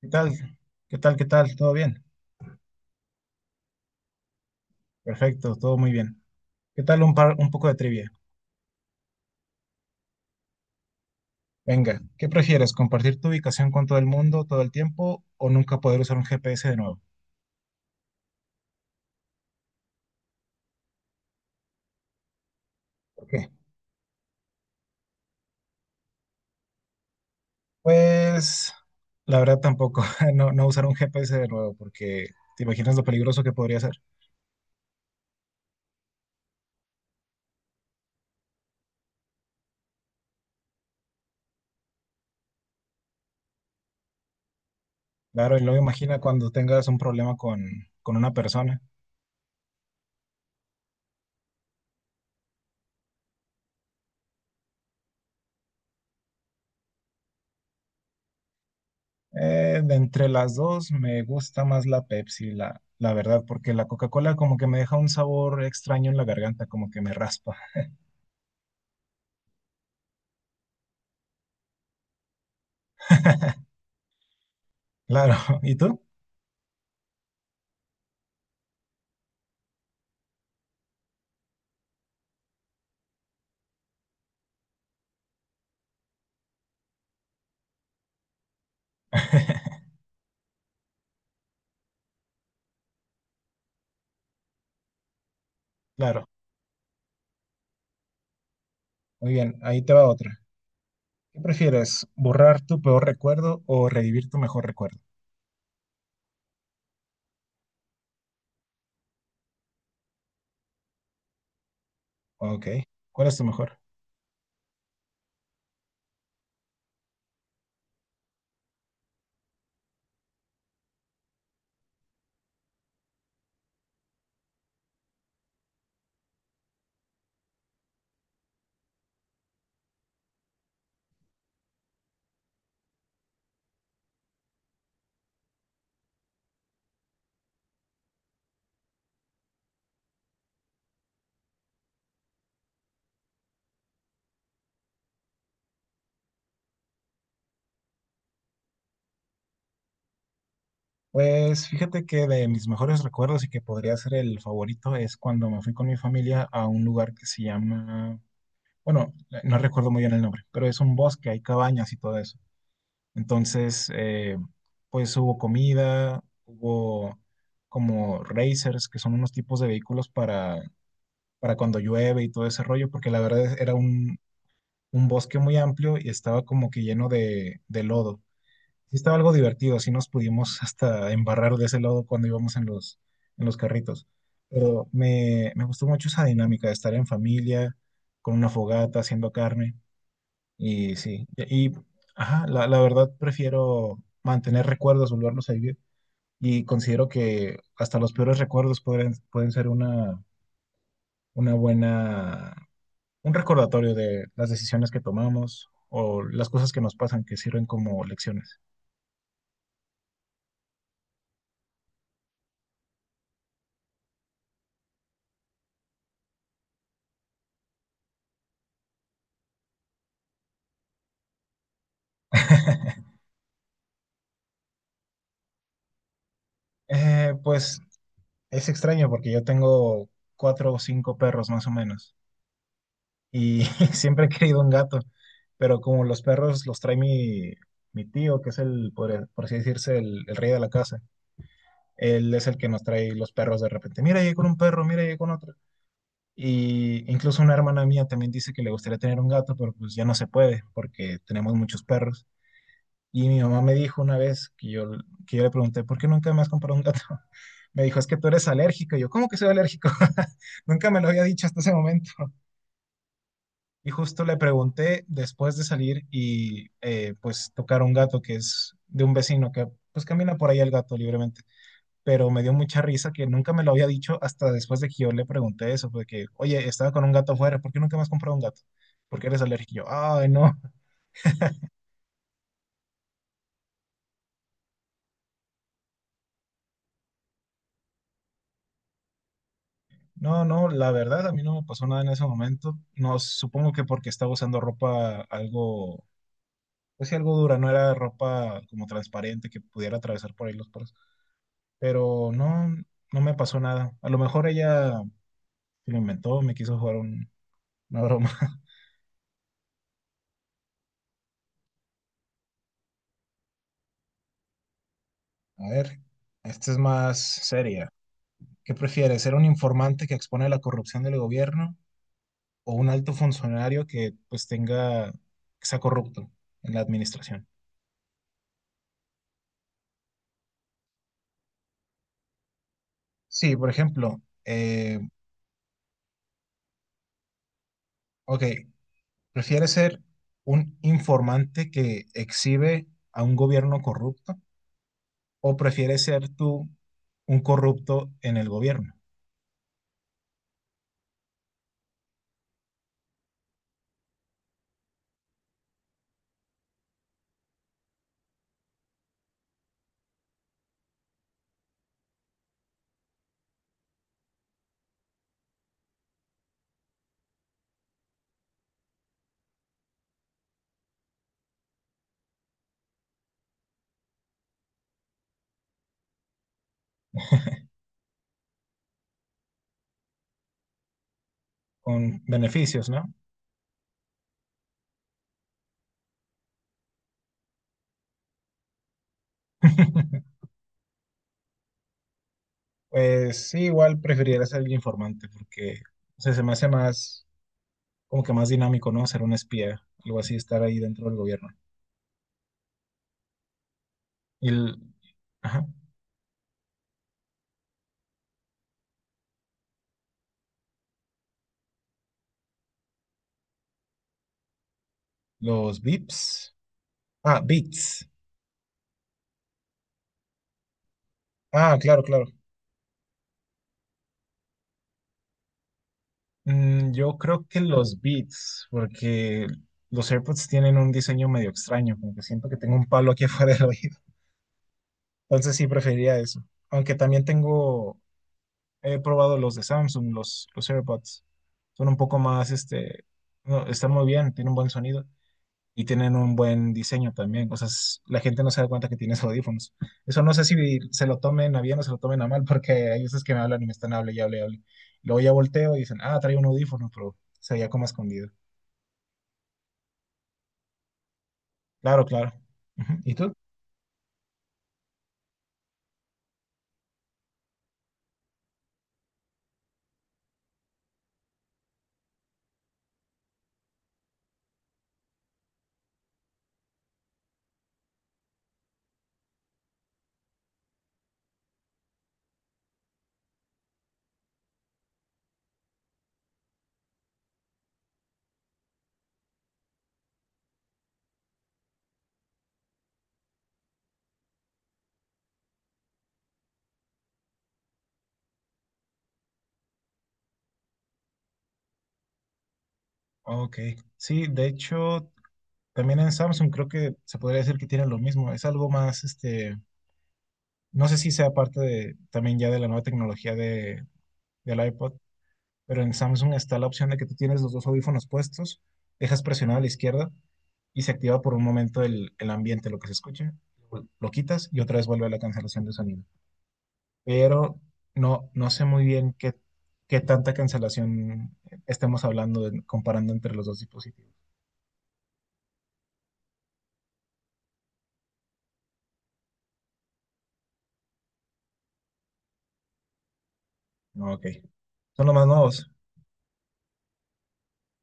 ¿Qué tal? ¿Qué tal? ¿Qué tal? ¿Todo bien? Perfecto, todo muy bien. ¿Qué tal un poco de trivia? Venga, ¿qué prefieres? ¿Compartir tu ubicación con todo el mundo todo el tiempo o nunca poder usar un GPS de nuevo? ¿Por qué? Pues la verdad tampoco, no, no usar un GPS de nuevo porque te imaginas lo peligroso que podría ser. Claro, y luego imagina cuando tengas un problema con una persona. De entre las dos me gusta más la Pepsi, la verdad, porque la Coca-Cola como que me deja un sabor extraño en la garganta, como que me raspa. Claro, ¿y tú? Claro, muy bien, ahí te va otra. ¿Qué prefieres, borrar tu peor recuerdo o revivir tu mejor recuerdo? Ok, ¿cuál es tu mejor? Pues fíjate que de mis mejores recuerdos y que podría ser el favorito es cuando me fui con mi familia a un lugar que se llama, bueno, no recuerdo muy bien el nombre, pero es un bosque, hay cabañas y todo eso. Entonces, pues hubo comida, hubo como racers, que son unos tipos de vehículos para cuando llueve y todo ese rollo, porque la verdad era un bosque muy amplio y estaba como que lleno de lodo. Sí estaba algo divertido, así nos pudimos hasta embarrar de ese lodo cuando íbamos en en los carritos. Pero me gustó mucho esa dinámica de estar en familia, con una fogata, haciendo carne. Y sí, y, y, ajá, la verdad prefiero mantener recuerdos, volverlos a vivir. Y considero que hasta los peores recuerdos pueden ser una buena un recordatorio de las decisiones que tomamos o las cosas que nos pasan que sirven como lecciones. Pues es extraño porque yo tengo cuatro o cinco perros más o menos y siempre he querido un gato, pero como los perros los trae mi tío, que es el, por así decirse, el rey de la casa, él es el que nos trae los perros de repente. Mira, llegué con un perro, mira, llegué con otro. Y incluso una hermana mía también dice que le gustaría tener un gato, pero pues ya no se puede porque tenemos muchos perros. Y mi mamá me dijo una vez que yo le pregunté, ¿por qué nunca me has comprado un gato? Me dijo, es que tú eres alérgico. Y yo, ¿cómo que soy alérgico? Nunca me lo había dicho hasta ese momento. Y justo le pregunté después de salir y pues tocar un gato que es de un vecino que pues camina por ahí el gato libremente. Pero me dio mucha risa que nunca me lo había dicho hasta después de que yo le pregunté eso, porque, oye, estaba con un gato afuera, ¿por qué nunca me has comprado un gato? Porque eres alérgico. Y yo, ay, no. No, no, la verdad a mí no me pasó nada en ese momento. No, supongo que porque estaba usando ropa algo, pues sí, algo dura, no era ropa como transparente que pudiera atravesar por ahí los poros. Pero no, no me pasó nada. A lo mejor ella se lo inventó, me quiso jugar una broma. A ver, esta es más seria. ¿Qué prefieres, ser un informante que expone la corrupción del gobierno o un alto funcionario que pues tenga, que sea corrupto en la administración? Sí, por ejemplo, ok, ¿prefiere ser un informante que exhibe a un gobierno corrupto o prefiere ser tú un corrupto en el gobierno con beneficios, ¿no? Pues sí, igual preferiría ser el informante porque, o sea, se me hace más, como que más dinámico, ¿no? Ser un espía, algo así, estar ahí dentro del gobierno. Y el- ajá, los VIPs. Ah, bits. Ah, claro, claro. Mm, yo creo que los Beats, porque los AirPods tienen un diseño medio extraño, como que siento que tengo un palo aquí afuera del oído. Entonces sí preferiría eso. Aunque también tengo, he probado los de Samsung, los AirPods. Son un poco más, no, están muy bien, tienen un buen sonido y tienen un buen diseño también. O sea, la gente no se da cuenta que tienes audífonos. Eso no sé si se lo tomen a bien o se lo tomen a mal, porque hay veces que me hablan y me están hable y hable y hable. Luego ya volteo y dicen, ah, trae un audífono, pero se veía como escondido. Claro, claro. Ujú. ¿Y tú? Ok. Sí, de hecho, también en Samsung creo que se podría decir que tienen lo mismo. Es algo más, no sé si sea parte de, también ya de la nueva tecnología de, del iPod, pero en Samsung está la opción de que tú tienes los dos audífonos puestos, dejas presionado a la izquierda y se activa por un momento el ambiente, lo que se escuche, lo quitas y otra vez vuelve a la cancelación de sonido. Pero no, no sé muy bien qué tanta cancelación estemos hablando comparando entre los dos dispositivos. Ok. ¿Son los más nuevos?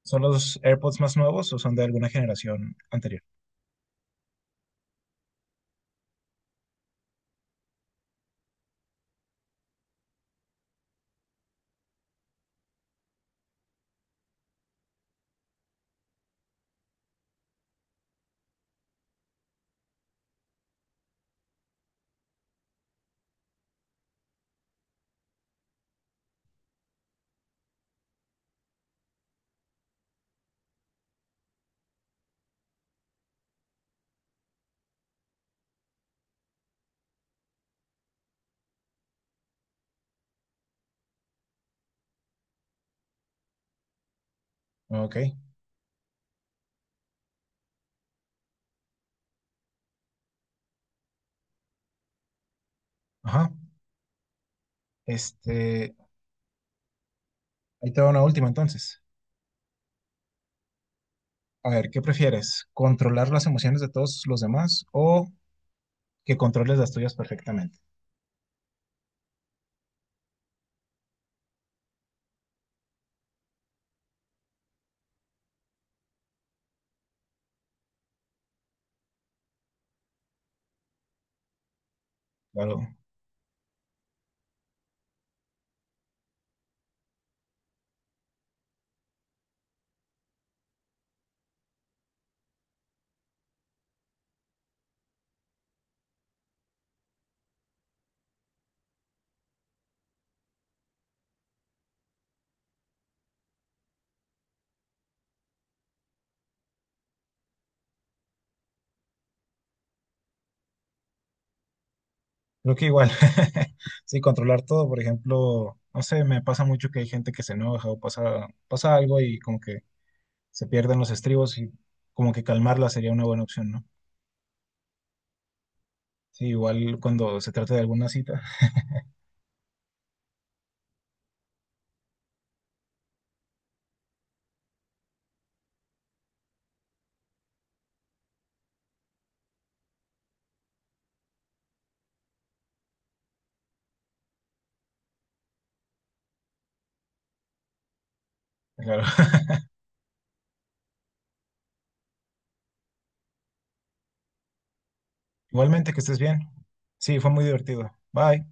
¿Son los AirPods más nuevos o son de alguna generación anterior? Ok. Ajá. Este, ahí te va una última entonces. A ver, ¿qué prefieres? ¿Controlar las emociones de todos los demás o que controles las tuyas perfectamente? Claro. Creo que igual. Sí, controlar todo, por ejemplo, no sé, me pasa mucho que hay gente que se enoja o pasa, pasa algo y como que se pierden los estribos y como que calmarla sería una buena opción, ¿no? Sí, igual cuando se trata de alguna cita, claro. Igualmente, que estés bien. Sí, fue muy divertido. Bye.